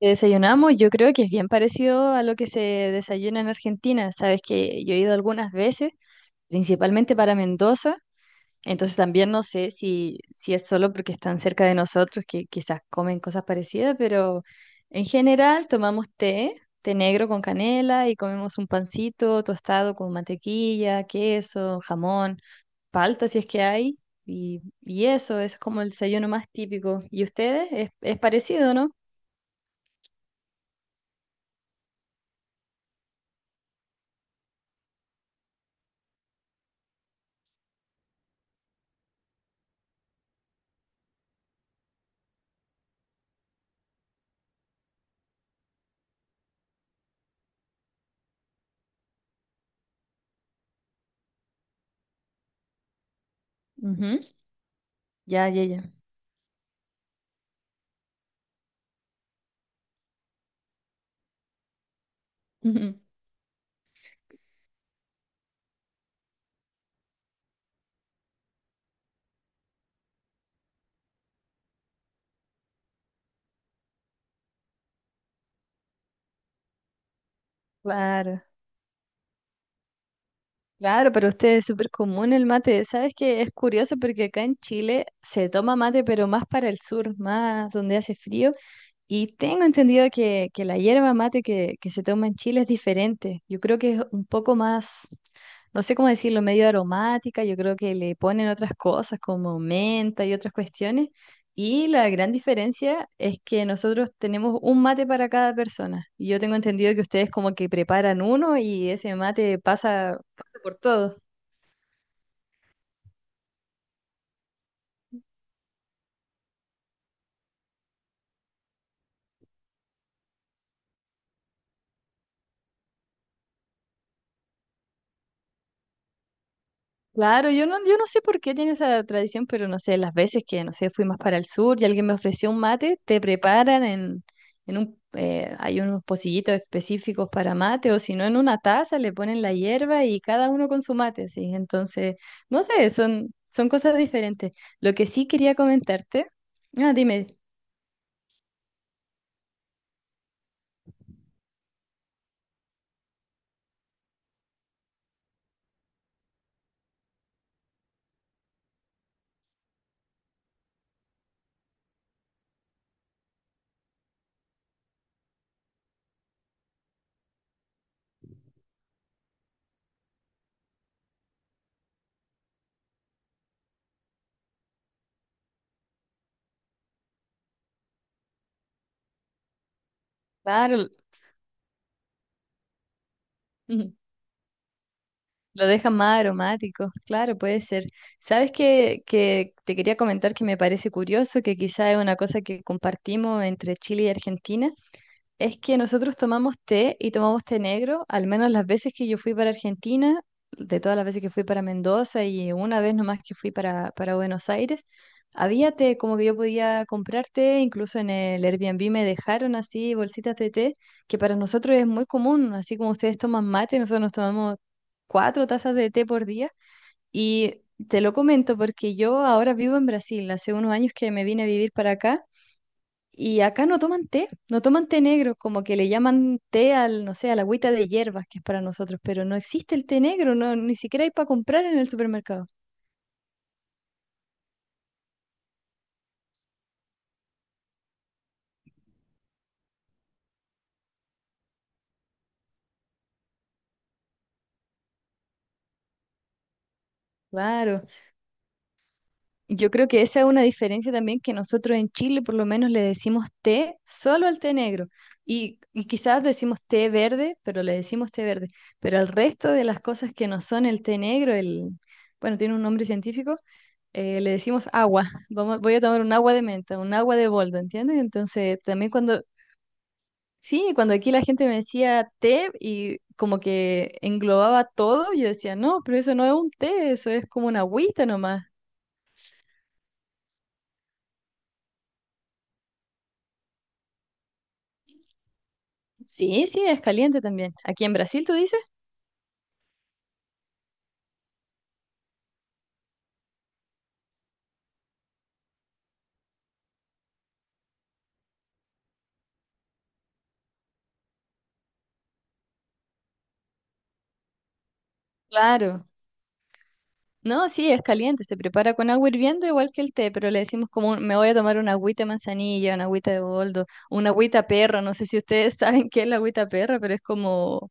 Que Desayunamos, yo creo que es bien parecido a lo que se desayuna en Argentina. Sabes que yo he ido algunas veces, principalmente para Mendoza, entonces también no sé si es solo porque están cerca de nosotros que quizás comen cosas parecidas, pero en general tomamos té, té negro con canela y comemos un pancito tostado con mantequilla, queso, jamón, palta si es que hay, y eso, eso es como el desayuno más típico. ¿Y ustedes? Es parecido, ¿no? Ujú. Ya, ya, ya. Ujú. Claro, claro, pero usted es súper común el mate. Sabes que es curioso porque acá en Chile se toma mate, pero más para el sur, más donde hace frío. Y tengo entendido que la hierba mate que se toma en Chile es diferente. Yo creo que es un poco más, no sé cómo decirlo, medio aromática, yo creo que le ponen otras cosas como menta y otras cuestiones. Y la gran diferencia es que nosotros tenemos un mate para cada persona. Y yo tengo entendido que ustedes como que preparan uno y ese mate pasa, pasa por todo. Claro, yo no, yo no sé por qué tiene esa tradición, pero no sé, las veces que, no sé, fui más para el sur y alguien me ofreció un mate, te preparan en un, hay unos pocillitos específicos para mate, o si no, en una taza le ponen la hierba y cada uno con su mate, sí. Entonces, no sé, son, son cosas diferentes. Lo que sí quería comentarte, ah, dime, claro, lo deja más aromático, claro, puede ser. ¿Sabes qué, que te quería comentar que me parece curioso, que quizá es una cosa que compartimos entre Chile y Argentina? Es que nosotros tomamos té y tomamos té negro, al menos las veces que yo fui para Argentina, de todas las veces que fui para Mendoza y una vez nomás que fui para Buenos Aires, había té, como que yo podía comprar té, incluso en el Airbnb me dejaron así bolsitas de té, que para nosotros es muy común, así como ustedes toman mate, nosotros nos tomamos cuatro tazas de té por día y te lo comento porque yo ahora vivo en Brasil, hace unos años que me vine a vivir para acá. Y acá no toman té, no toman té negro, como que le llaman té al, no sé, a la agüita de hierbas que es para nosotros, pero no existe el té negro, no, ni siquiera hay para comprar en el supermercado. Claro. Yo creo que esa es una diferencia también que nosotros en Chile por lo menos le decimos té solo al té negro y quizás decimos té verde, pero le decimos té verde, pero al resto de las cosas que no son el té negro, el, bueno, tiene un nombre científico, le decimos agua. Vamos, voy a tomar un agua de menta, un agua de boldo, ¿entiendes? Entonces, también cuando, sí, cuando aquí la gente me decía té y como que englobaba todo, yo decía, no, pero eso no es un té, eso es como una agüita nomás. Sí, sí, es caliente también. ¿Aquí en Brasil tú dices? Claro. No, sí, es caliente. Se prepara con agua hirviendo igual que el té, pero le decimos como un- me voy a tomar una agüita de manzanilla, una agüita de boldo, una agüita perro. No sé si ustedes saben qué es la agüita perra, pero es como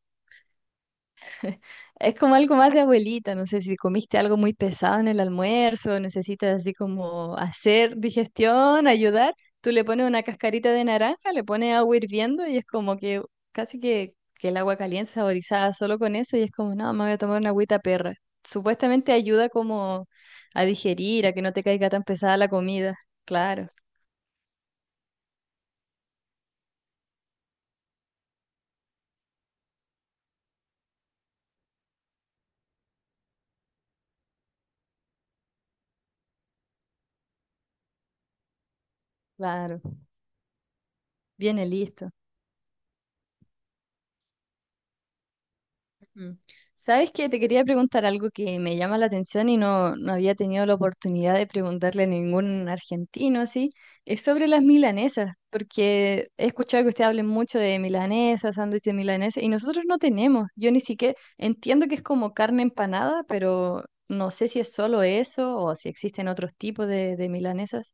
es como algo más de abuelita, no sé si comiste algo muy pesado en el almuerzo, necesitas así como hacer digestión, ayudar, tú le pones una cascarita de naranja, le pones agua hirviendo y es como que casi que el agua caliente saborizada solo con eso y es como, no, me voy a tomar una agüita perra. Supuestamente ayuda como a digerir, a que no te caiga tan pesada la comida. Claro, claro, viene listo. Mm. ¿Sabes qué? Te quería preguntar algo que me llama la atención y no, no había tenido la oportunidad de preguntarle a ningún argentino así. Es sobre las milanesas, porque he escuchado que ustedes hablen mucho de milanesas, sándwich de milanesa, y nosotros no tenemos. Yo ni siquiera entiendo que es como carne empanada, pero no sé si es solo eso o si existen otros tipos de milanesas.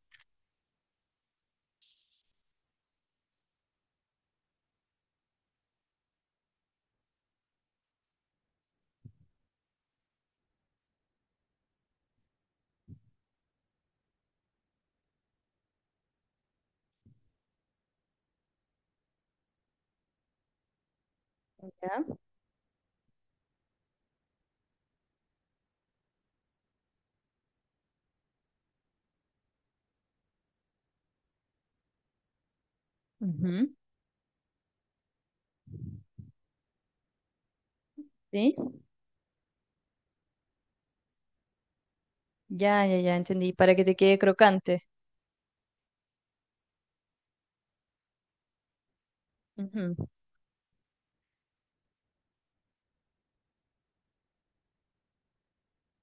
¿Ya? Ujú. ¿Sí? Ya, ya, ya, entendí. Para que te quede crocante. Ujú.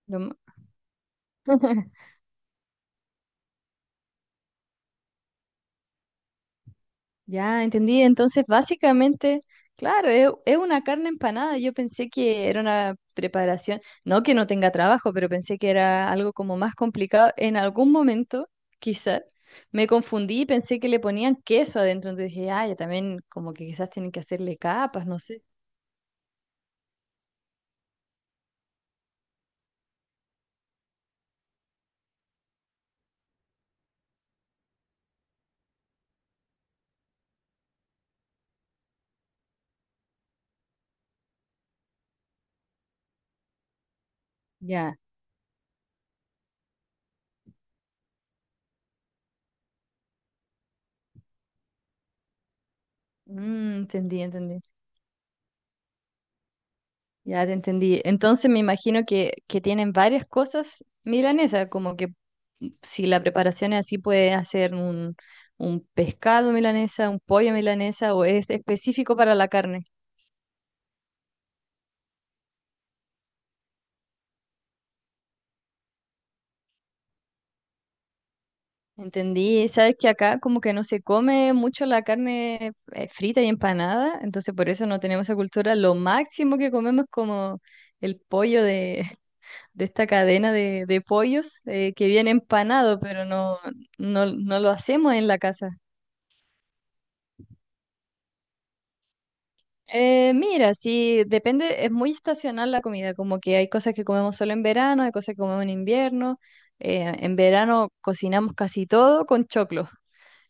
Lo ma- ya, entendí. Entonces, básicamente, claro, es una carne empanada. Yo pensé que era una preparación, no que no tenga trabajo, pero pensé que era algo como más complicado. En algún momento, quizás, me confundí y pensé que le ponían queso adentro. Entonces dije, ah, ya también como que quizás tienen que hacerle capas, no sé. Ya, mm, entendí, entendí. Ya te entendí. Entonces me imagino que tienen varias cosas milanesas, como que mm, si la preparación es así, puede hacer un pescado milanesa, un pollo milanesa, o es específico para la carne. Entendí. Sabes que acá como que no se come mucho la carne frita y empanada, entonces por eso no tenemos esa cultura. Lo máximo que comemos es como el pollo de, de esta cadena de pollos que viene empanado, pero no, no, no lo hacemos en la casa. Mira, sí, depende, es muy estacional la comida, como que hay cosas que comemos solo en verano, hay cosas que comemos en invierno. En verano cocinamos casi todo con choclo.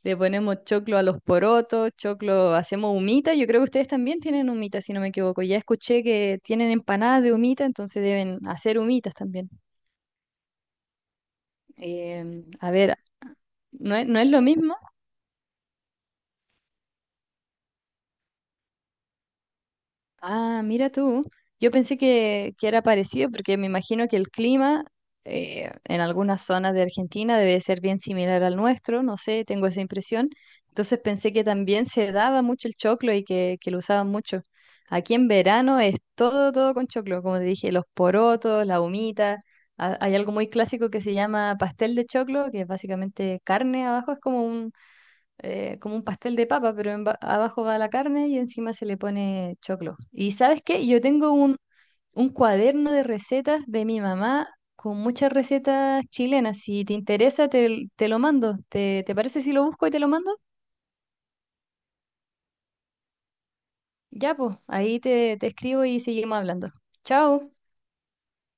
Le ponemos choclo a los porotos, choclo, hacemos humita. Yo creo que ustedes también tienen humita, si no me equivoco. Ya escuché que tienen empanadas de humita, entonces deben hacer humitas también. Em, a ver, no es, no es lo mismo. Ah, mira tú. Yo pensé que era parecido porque me imagino que el clima en algunas zonas de Argentina debe ser bien similar al nuestro, no sé, tengo esa impresión. Entonces pensé que también se daba mucho el choclo y que lo usaban mucho. Aquí en verano es todo, todo con choclo, como te dije, los porotos, la humita. Ha- hay algo muy clásico que se llama pastel de choclo, que es básicamente carne abajo, es como como un pastel de papa, pero en ba- abajo va la carne y encima se le pone choclo. ¿Y sabes qué? Yo tengo un cuaderno de recetas de mi mamá con muchas recetas chilenas. Si te interesa, te lo mando. ¿Te, te parece si lo busco y te lo mando? Ya, pues, ahí te, te escribo y seguimos hablando. Chao.